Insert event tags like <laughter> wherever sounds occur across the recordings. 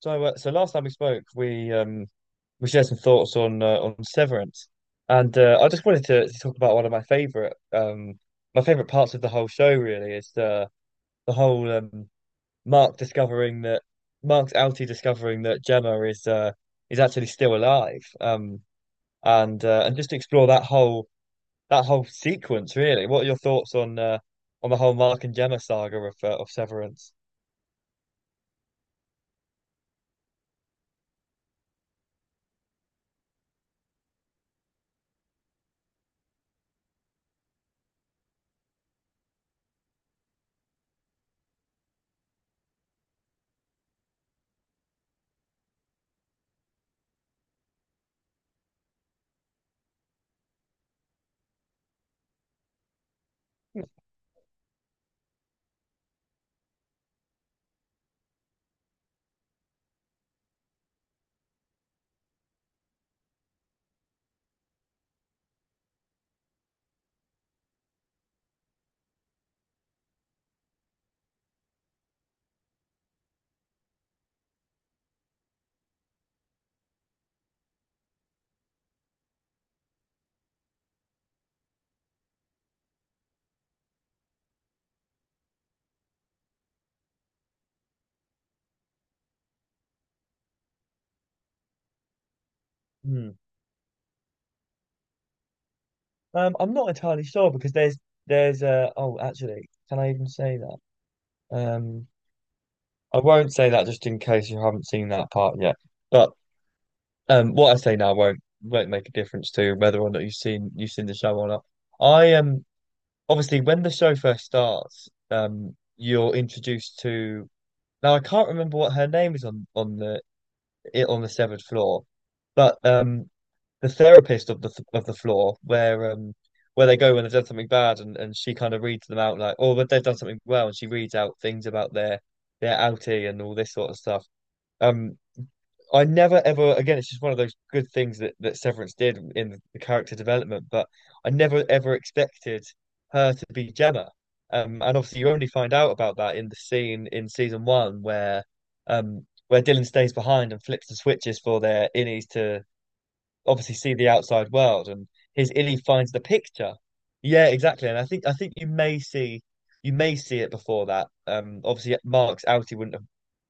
So last time we spoke, we shared some thoughts on Severance, and I just wanted to talk about one of my favorite parts of the whole show. Really, is the whole Mark discovering that Mark's outie discovering that Gemma is actually still alive. And just to explore that whole sequence. Really, what are your thoughts on the whole Mark and Gemma saga of Severance? Yeah. Hmm. I'm not entirely sure because there's uh oh, actually, can I even say that? Um, I won't say that just in case you haven't seen that part yet. But what I say now won't make a difference to whether or not you've seen the show or not. I am. Obviously when the show first starts, you're introduced to, now I can't remember what her name is on the severed floor, but the therapist of the floor where they go when they've done something bad and she kind of reads them out like, oh, but they've done something well, and she reads out things about their outie and all this sort of stuff. Um, I never ever again. It's just one of those good things that Severance did in the character development. But I never ever expected her to be Gemma. And obviously, you only find out about that in the scene in season one where Dylan stays behind and flips the switches for their innies to obviously see the outside world, and his Illy finds the picture. Yeah, exactly. And I think you may see it before that. Obviously, Mark's outie wouldn't have,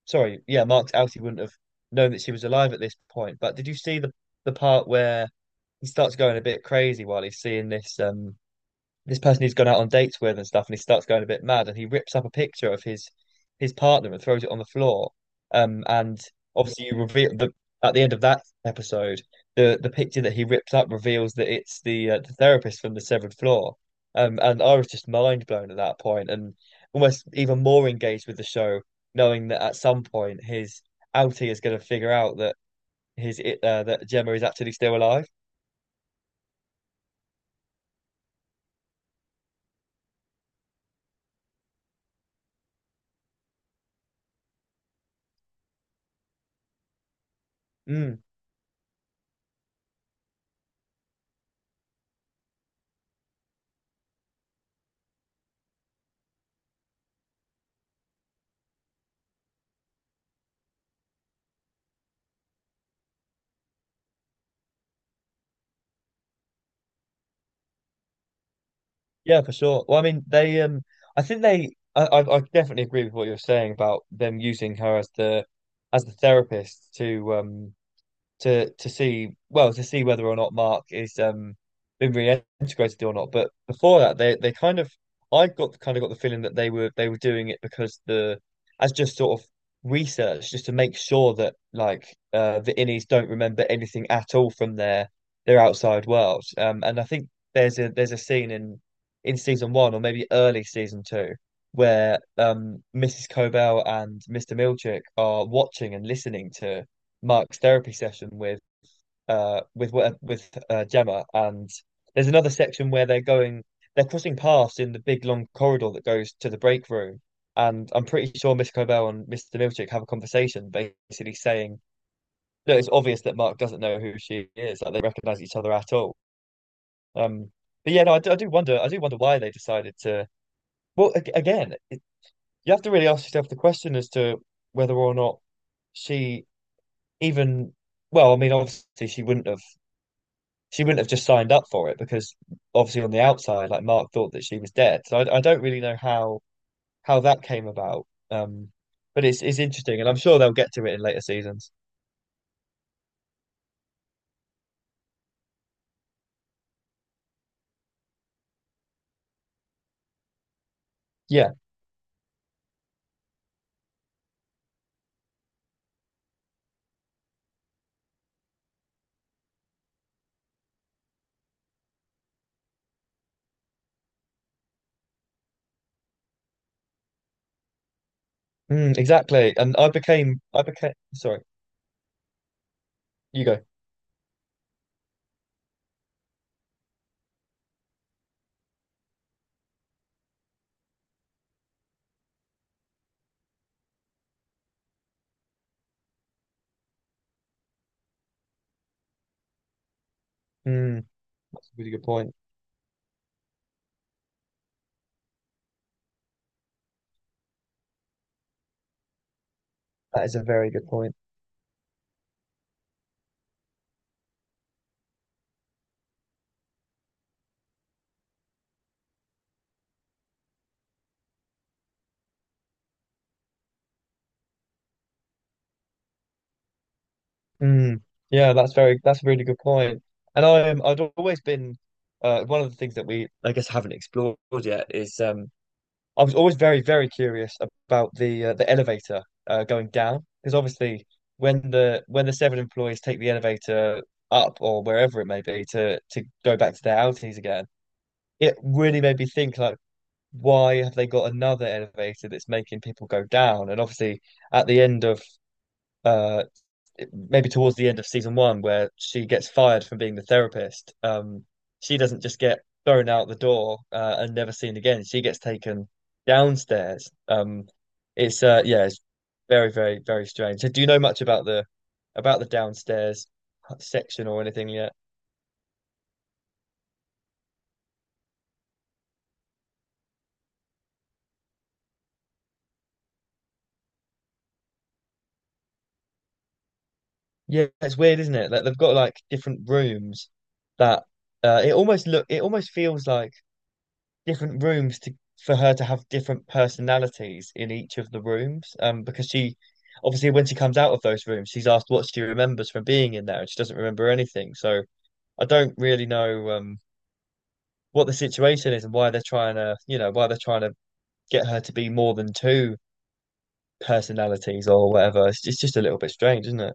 sorry, yeah, Mark's outie wouldn't have known that she was alive at this point. But did you see the part where he starts going a bit crazy while he's seeing this person he's gone out on dates with and stuff, and he starts going a bit mad, and he rips up a picture of his partner and throws it on the floor. And obviously, you reveal the at the end of that episode, the picture that he ripped up reveals that it's the therapist from the severed floor. And I was just mind blown at that point, and almost even more engaged with the show, knowing that at some point his outie is going to figure out that his that Gemma is actually still alive. Mm. Yeah, for sure. Well, I mean, they I think they, I definitely agree with what you're saying about them using her as the therapist to see whether or not Mark is been reintegrated or not. But before that, they kind of I got kind of got the feeling that they were doing it because the as just sort of research, just to make sure that, like, the innies don't remember anything at all from their outside world. And I think there's a scene in season one or maybe early season two, where Mrs. Cobell and Mr. Milchick are watching and listening to Mark's therapy session with Gemma, and there's another section where they're crossing paths in the big long corridor that goes to the break room, and I'm pretty sure Miss Cobell and Mr. Milchick have a conversation, basically saying that it's obvious that Mark doesn't know who she is, like they recognize each other at all. Um, but yeah, no, I do wonder why they decided to. Well, again, you have to really ask yourself the question as to whether or not she even. Well, I mean, obviously she wouldn't have just signed up for it because obviously on the outside, like, Mark thought that she was dead. So I don't really know how that came about. Um, but it's interesting, and I'm sure they'll get to it in later seasons. Yeah, mm, exactly. And I became, sorry, you go. Mm, that's a really good point. That is a very good point. Mm, yeah, that's a really good point. And I'd always been one of the things that we, I guess, haven't explored yet is I was always very, very curious about the elevator, going down, because obviously when the seven employees take the elevator up or wherever it may be to go back to their outings again, it really made me think, like, why have they got another elevator that's making people go down? And obviously at the end of, uh maybe towards the end of season one, where she gets fired from being the therapist. She doesn't just get thrown out the door, and never seen again. She gets taken downstairs. It's yeah, it's very, very, very strange. So do you know much about the downstairs section or anything yet? Yeah, it's weird, isn't it? Like, they've got, like, different rooms that, it almost feels like different rooms to for her to have different personalities in each of the rooms. Because she obviously when she comes out of those rooms, she's asked what she remembers from being in there, and she doesn't remember anything. So I don't really know what the situation is and why they're trying to get her to be more than two personalities or whatever. It's just a little bit strange, isn't it?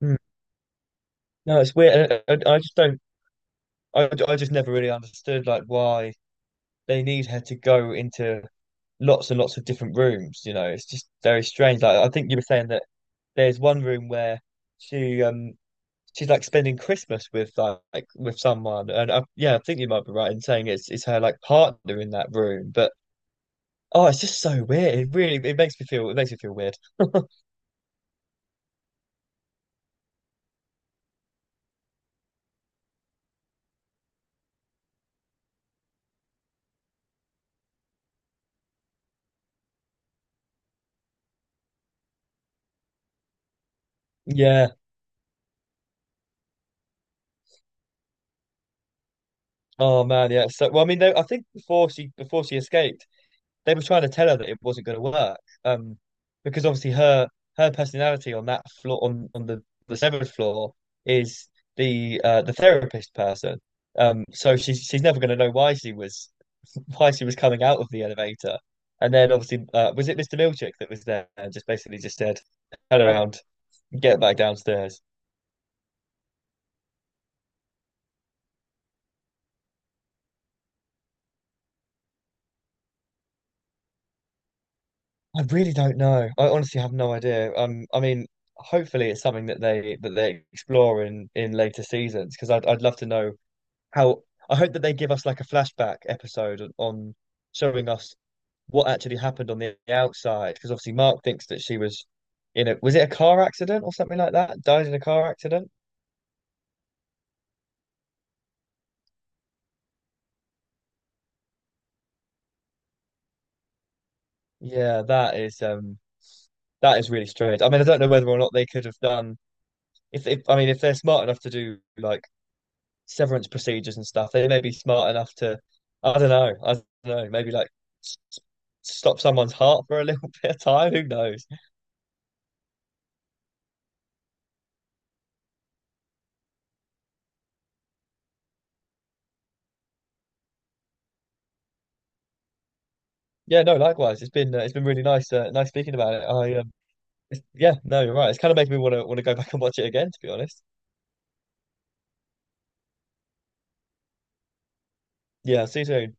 Hmm. No, it's weird. And I just don't. I just never really understood, like, why they need her to go into lots and lots of different rooms. You know, it's just very strange. Like, I think you were saying that there's one room where she um she's like spending Christmas with like with someone, and yeah, I think you might be right in saying it's her, like, partner in that room. But, oh, it's just so weird. It makes me feel weird. <laughs> Yeah. Oh, man. Yeah. So, well, I mean, though, I think before she escaped, they were trying to tell her that it wasn't going to work. Um, because obviously her personality on that floor, on the seventh floor, is the therapist person. So she's never going to know why she was <laughs> why she was coming out of the elevator. And then obviously, was it Mr. Milchick that was there, and just basically just said, turn around, get back downstairs. I really don't know. I honestly have no idea. I mean, hopefully it's something that they explore in later seasons, because I'd love to know how I hope that they give us, like, a flashback episode on, showing us what actually happened on the outside. Because obviously Mark thinks that she was in a, was it a car accident or something like that? Died in a car accident. Yeah, that is really strange. I mean, I don't know whether or not they could have done, if, I mean, if they're smart enough to do, like, severance procedures and stuff, they may be smart enough to, I don't know, maybe, like, s- stop someone's heart for a little <laughs> bit of time. Who knows? Yeah, no, likewise. It's been really nice, nice speaking about it. Yeah, no, you're right. It's kind of making me want to go back and watch it again, to be honest. Yeah, see you soon.